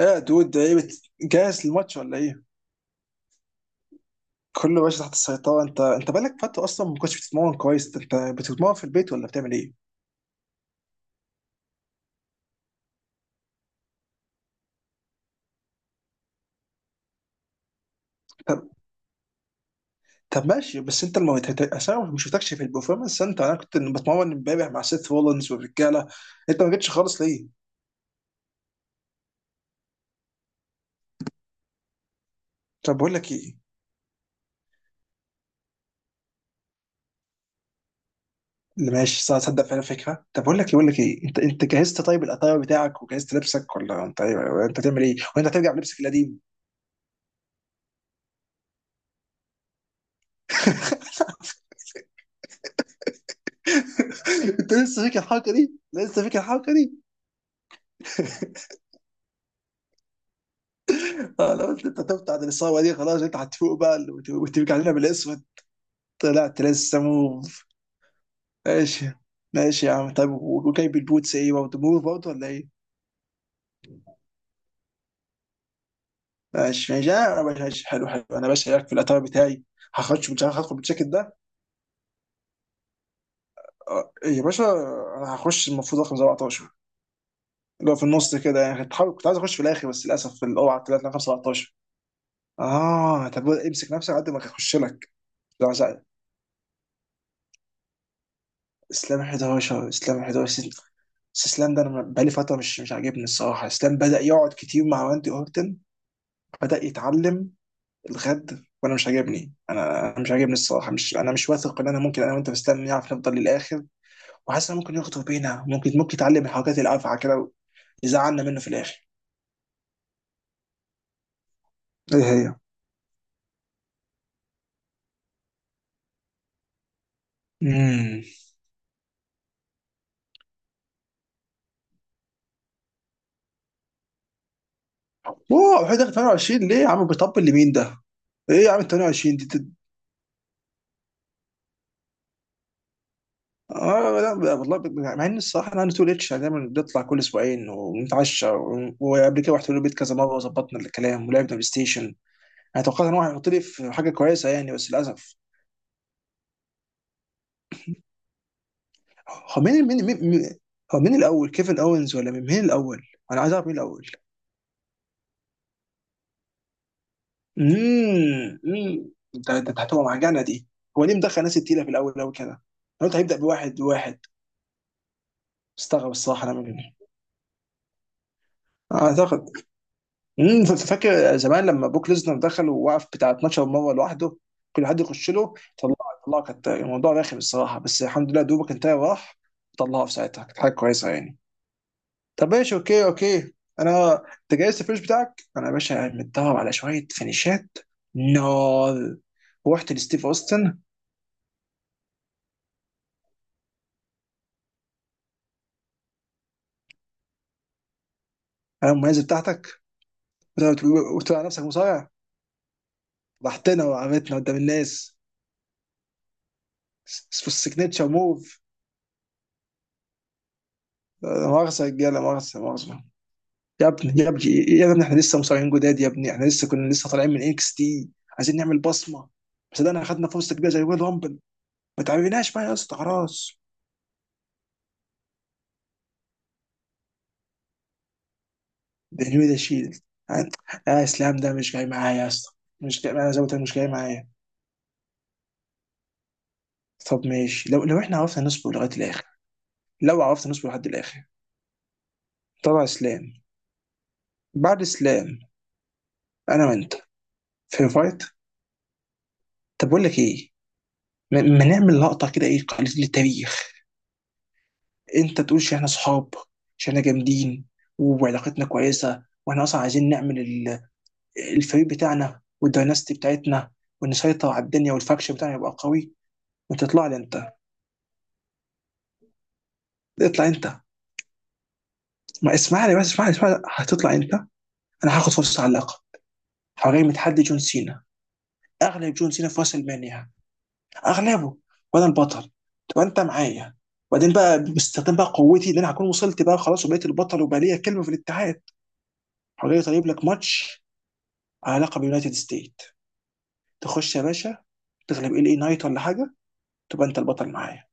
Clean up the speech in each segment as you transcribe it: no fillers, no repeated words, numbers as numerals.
ايه دود ايه جاهز للماتش ولا ايه؟ كله ماشي تحت السيطرة. انت بقالك فترة اصلا ما كنتش بتتمرن كويس، انت بتتمرن في البيت ولا بتعمل ايه؟ طب طب ماشي، بس انت عشان ما شفتكش في البرفورمانس سنتر، انا كنت بتمرن امبارح مع سيث رولينز والرجالة. انت ما جيتش خالص ليه؟ طب بقول لك ايه؟ اللي ماشي صح تصدق فعلا فكرة. طب بقول لك ايه، بقول لك ايه، انت جهزت طيب الاتاير بتاعك وجهزت لبسك ولا انت ايه ولا انت تعمل ايه؟ وانت هترجع بلبسك القديم؟ انت لسه فاكر الحركة دي؟ لسه فاكر الحركة دي؟ آه، لو قلت انت هتفوت عن الاصابه دي خلاص، انت هتفوق بقى وتبقى علينا بالاسود. طلعت لسه موف. ماشي ماشي يا عم. طب وجايب البوتس ايه برضه، موف برضه ولا ايه؟ ماشي ماشي آه، ماشي ماشي، حلو حلو. انا باشا هناك في الاتار بتاعي. هخش مش عارف هدخل بالجاكيت ده. آه، إيه يا باشا. انا هخش المفروض رقم 17، اللي هو في النص كده يعني. كنت عايز اخش في الاخر، بس للاسف في الاوعى طلعت رقم 17. اه طب امسك نفسك قد ما هخش لك. اسلام 11، اسلام 11 بس. بس اسلام ده انا بقالي فتره مش عاجبني الصراحه. اسلام بدا يقعد كتير مع راندي اورتن، بدا يتعلم الغد وانا مش عاجبني. انا مش عاجبني الصراحه. مش واثق ان انا ممكن انا وانت في اسلام نعرف نفضل للاخر، وحاسس إن ممكن يخطب بينا، ممكن يتعلم الحركات الافعى كده، يزعلنا منه في الاخر. ايه هي؟ امم اوه حاجه، 28 ليه يا عم، بيطبل لمين ده؟ ايه يا عم 28 دي. اه لا والله مع ان الصراحه انا تو ريتش دايما بنطلع كل اسبوعين ونتعشى، وقبل كده رحت له البيت كذا مره وظبطنا الكلام ولعبنا بلاي ستيشن. انا توقعت ان هو هيحط لي في حاجه كويسه يعني، بس للاسف. هو مين مين مين مين- هو مين الاول، كيفن اوينز ولا مين مين الاول؟ انا عايز اعرف مين الاول. ده هتبقى معجنه دي. هو ليه مدخل ناس تقيله في الاول قوي كده؟ انا قلت هيبدا بواحد واحد. استغرب الصراحه انا منه. اعتقد فاكر زمان لما بوك ليزنر دخل ووقف بتاع 12 مره لوحده، كل حد يخش له طلعه طلعه كانت الموضوع رخم الصراحه، بس الحمد لله دوبك انتهى وراح. طلعه في ساعتها كانت حاجه كويسه يعني. طب ماشي، اوكي اوكي. انا انت جايز الفينش بتاعك؟ انا يا باشا متدرب على شويه فينيشات، نار. رحت لستيف اوستن. انا المميزه بتاعتك؟ وت- وتقول على نفسك مصارع، ضحكتنا وعملتنا قدام الناس في السيجنتشر موف. لا مؤاخذه يا رجاله، مؤاخذه مؤاخذه. يا ابني يا ابني يا ابني، احنا لسه مصارعين جداد يا ابني، احنا لسه كنا طالعين من اكس تي، عايزين نعمل بصمه. بس ده اخدنا فرصه كبيره زي ويل رامبل، ما تعبناش بقى يا اسطى خلاص. ده نيو، ده شيلد. لا اسلام ده مش جاي معايا يا اسطى، مش جاي معايا زي ما قلت لك، مش جاي معايا. طب ماشي، لو احنا عرفنا نصبر لغايه الاخر، لو عرفنا نصبر لحد الاخر. طبعا اسلام، بعد اسلام انا وانت في فايت. طب بقول لك ايه، ما نعمل لقطه كده، ايه قليل للتاريخ، انت تقول عشان احنا صحاب، عشان احنا جامدين وعلاقتنا كويسه، واحنا اصلا عايزين نعمل الفريق بتاعنا والدايناستي بتاعتنا، ونسيطر على الدنيا والفاكشن بتاعنا يبقى قوي، وتطلع لي انت. اطلع انت. ما اسمعني بس، اسمعني اسمعني، هتطلع انت. انا هاخد فرصه على اللقب، هغير من تحدي جون سينا، اغلب جون سينا في راس المانيا، اغلبه وانا البطل، تبقى انت معايا. وبعدين بقى باستخدام بقى قوتي ان انا هكون وصلت بقى خلاص وبقيت البطل وبقى ليا كلمه في الاتحاد، هغير طيب لك ماتش على لقب يونايتد ستيت، تخش يا باشا، تغلب ال اي نايت ولا حاجه، تبقى انت البطل معايا.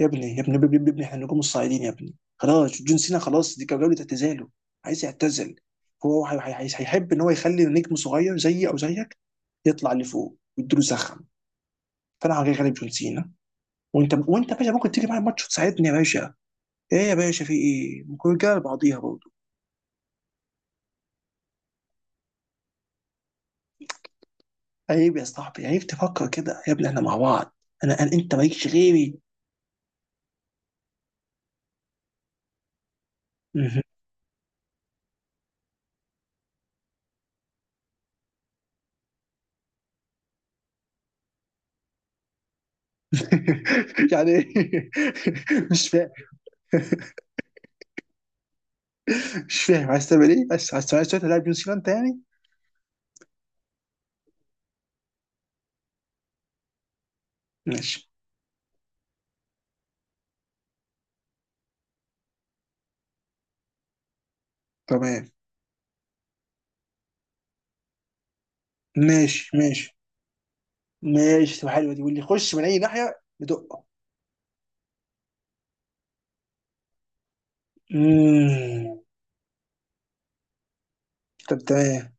يا ابني يا ابني يا ابني يا ابني، احنا نجوم الصاعدين يا ابني، خلاص جون سينا خلاص، دي كانت جوله اعتزاله، عايز يعتزل. هو هيحب ان هو يخلي نجم صغير زيي او زيك يطلع لفوق ويديله زخم، فانا هجي غالب جون سينا. وانت، وانت يا باشا ممكن تيجي معايا الماتش وتساعدني يا باشا. ايه يا باشا، في ايه؟ ممكن رجاله بعضيها برضه. عيب يا صاحبي، عيب تفكر كده يا ابني، احنا مع بعض. أنا انت مالكش غيري. يعني إيه؟ مش فاهم، مش فاهم عايز تعمل ايه، بس عايز تلعب نيوزيلندا يعني؟ ماشي. تمام. ماشي ماشي ماشي، تبقى حلوه دي، واللي يخش من اي ناحيه بدقه. مم. طب تمام.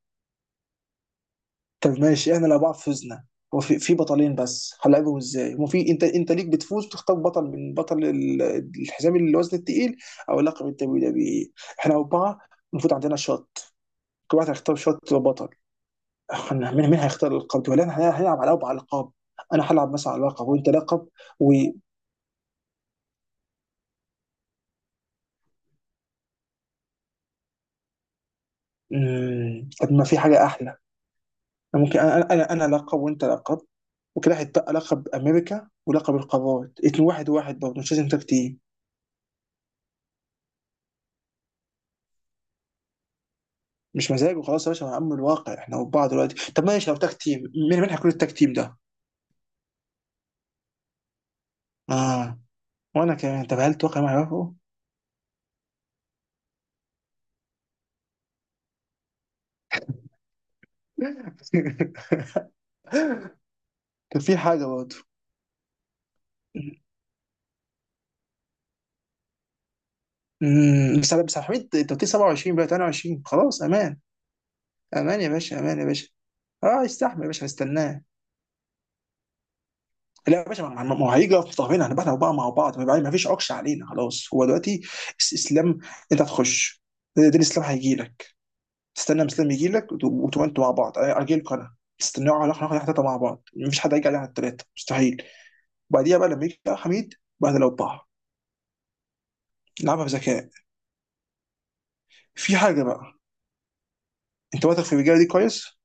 طب ماشي، احنا لو بعض فزنا، هو في بطلين بس هنلعبهم ازاي؟ هو في، انت ليك بتفوز بتختار بطل من بطل الحزام الوزن التقيل او لقب الدبليو دبليو إيه. احنا اربعه المفروض عندنا شوت، كل واحد هيختار شوت وبطل. احنا مين مين هيختار اللقب ده، ولا احنا هنلعب على اربع القاب، انا هلعب مثلا على لقب وانت لقب و... مم. طب ما في حاجة أحلى. أنا ممكن أنا أنا أنا أنا لقب وأنت لقب، وكده هيتبقى لقب أمريكا ولقب القارات، اتنين واحد واحد برضه مش لازم تاك تيم. مش مزاج وخلاص يا باشا. يا عم الواقع احنا وبعض دلوقتي. طب ماشي لو تاك تيم، مين مين هيكون التاك تيم ده؟ آه. وأنا كمان. طب هل توقع ما يعرفه؟ كان في حاجة برضه. مم. بس بس يا حميد، أنت قلت لي 27 بقى 28، خلاص أمان. أمان يا باشا، أمان يا باشا. آه استحمل يا باشا، هستناه. لا يا باشا، ما ما- ما هو هيجي يقف في ظهرنا، هنبقى احنا بقى مع بعض، ما فيش عكش علينا خلاص هو دلوقتي. الاسلام، انت هتخش، دين الاسلام هيجي لك، تستنى الاسلام يجي لك وتبقى انتوا مع بعض، اجي لكم انا، تستنوا على احنا ثلاثه مع بعض، مفيش حد هيجي علينا على الثلاثه مستحيل. وبعديها بقى لما يجي بقى حميد، بعد لو بقى، نلعبها بذكاء. في حاجه بقى، انت واثق في الرجاله دي كويس؟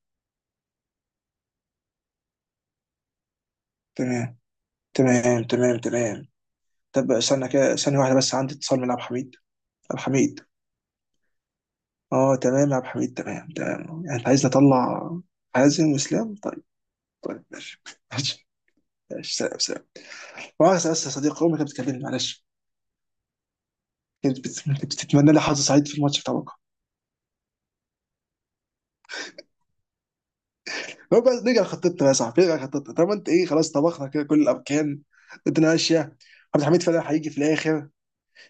تمام، تمام تمام تمام. طب استنى كده ثانيه واحده بس، عندي اتصال من عبد الحميد. عبد الحميد، اه تمام يا عبد الحميد، تمام تمام، يعني انت عايز اطلع حازم واسلام؟ طيب. طيب ماشي، ماشي ماشي، سلام سلام. بس بس يا صديقي، امي كانت بتكلمني معلش، كانت بتتمنى لي حظ سعيد في الماتش بتاع بكره. هو بس نرجع لخطتنا يا صاحبي، نرجع لخطتنا. طب انت ايه، خلاص طبخنا كده كل الاركان، الدنيا ماشيه، عبد الحميد فعلا هيجي في الاخر.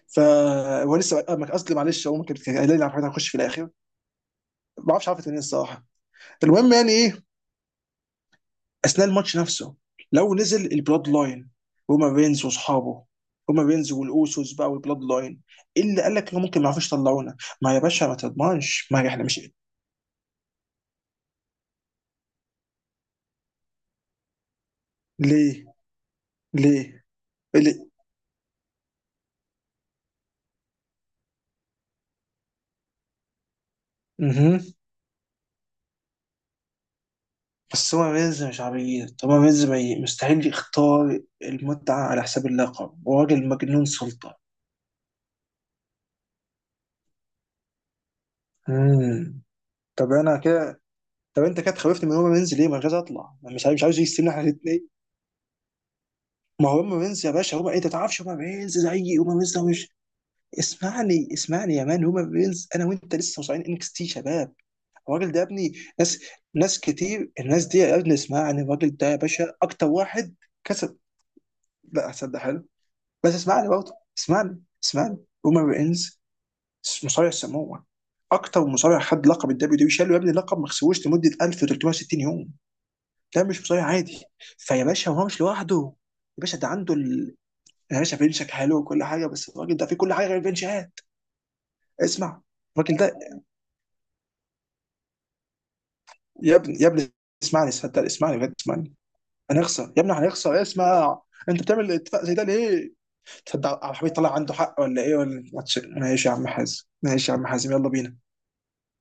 ف هو لسه آه، قصدي معلش امي كانت قايله لي عبد الحميد هيخش في الاخر. ما اعرفش عرفت منين الصراحه. المهم يعني ايه، اثناء الماتش نفسه، لو نزل البلاد لاين، روما رينز واصحابه، روما رينز والاوسوس بقى والبلاد لاين، إيه اللي قال لك انه ممكن ما يعرفوش يطلعونا؟ ما يا باشا ما تضمنش ما احنا مش. ليه، ليه، إيه ليه؟ مهم. بس هو رينز مش عبيط، هو رينز ما ي- مستحيل يختار المتعة على حساب اللقب، هو راجل مجنون سلطة. مم. طب انا كده، طب انت كده خوفتني من روما رينز ليه، ما أنا مش عايز اطلع، أنا مش عايز، مش عاوز يستنى احنا الاثنين. ما هو روما رينز يا باشا، روما انت تعرفش روما رينز، زي روما رينز ده مش. اسمعني اسمعني يا مان، هما بينز، انا وانت لسه مصارعين انكس تي شباب. الراجل ده يا ابني. ناس ناس كتير، الناس دي يا ابني اسمعني، الراجل ده يا باشا اكتر واحد كسب. لا هتصدق، حلو. بس اسمعني برضه، اسمعني اسمعني. هما بينز مصارع سموه اكتر مصارع خد لقب الدبليو دبليو، شالوا يا ابني لقب ما خسروش لمده 1360 يوم. ده مش مصارع عادي. فيا باشا هو مش لوحده، يا باشا ده عنده ال... يا باشا فينشك حلو وكل حاجه بس الراجل ده فيه كل حاجه غير الفينشات. اسمع الراجل ده يا ابني يا ابني، اسمعني صدق، اسمعني بجد، اسمعني. هنخسر يا ابني، هنخسر. إيه، اسمع. انت بتعمل اتفاق زي ده ليه؟ تصدق عبد الحميد طلع عنده حق ولا ايه ولا. ماشي يا عم حازم، ماشي يا عم حازم، يلا بينا.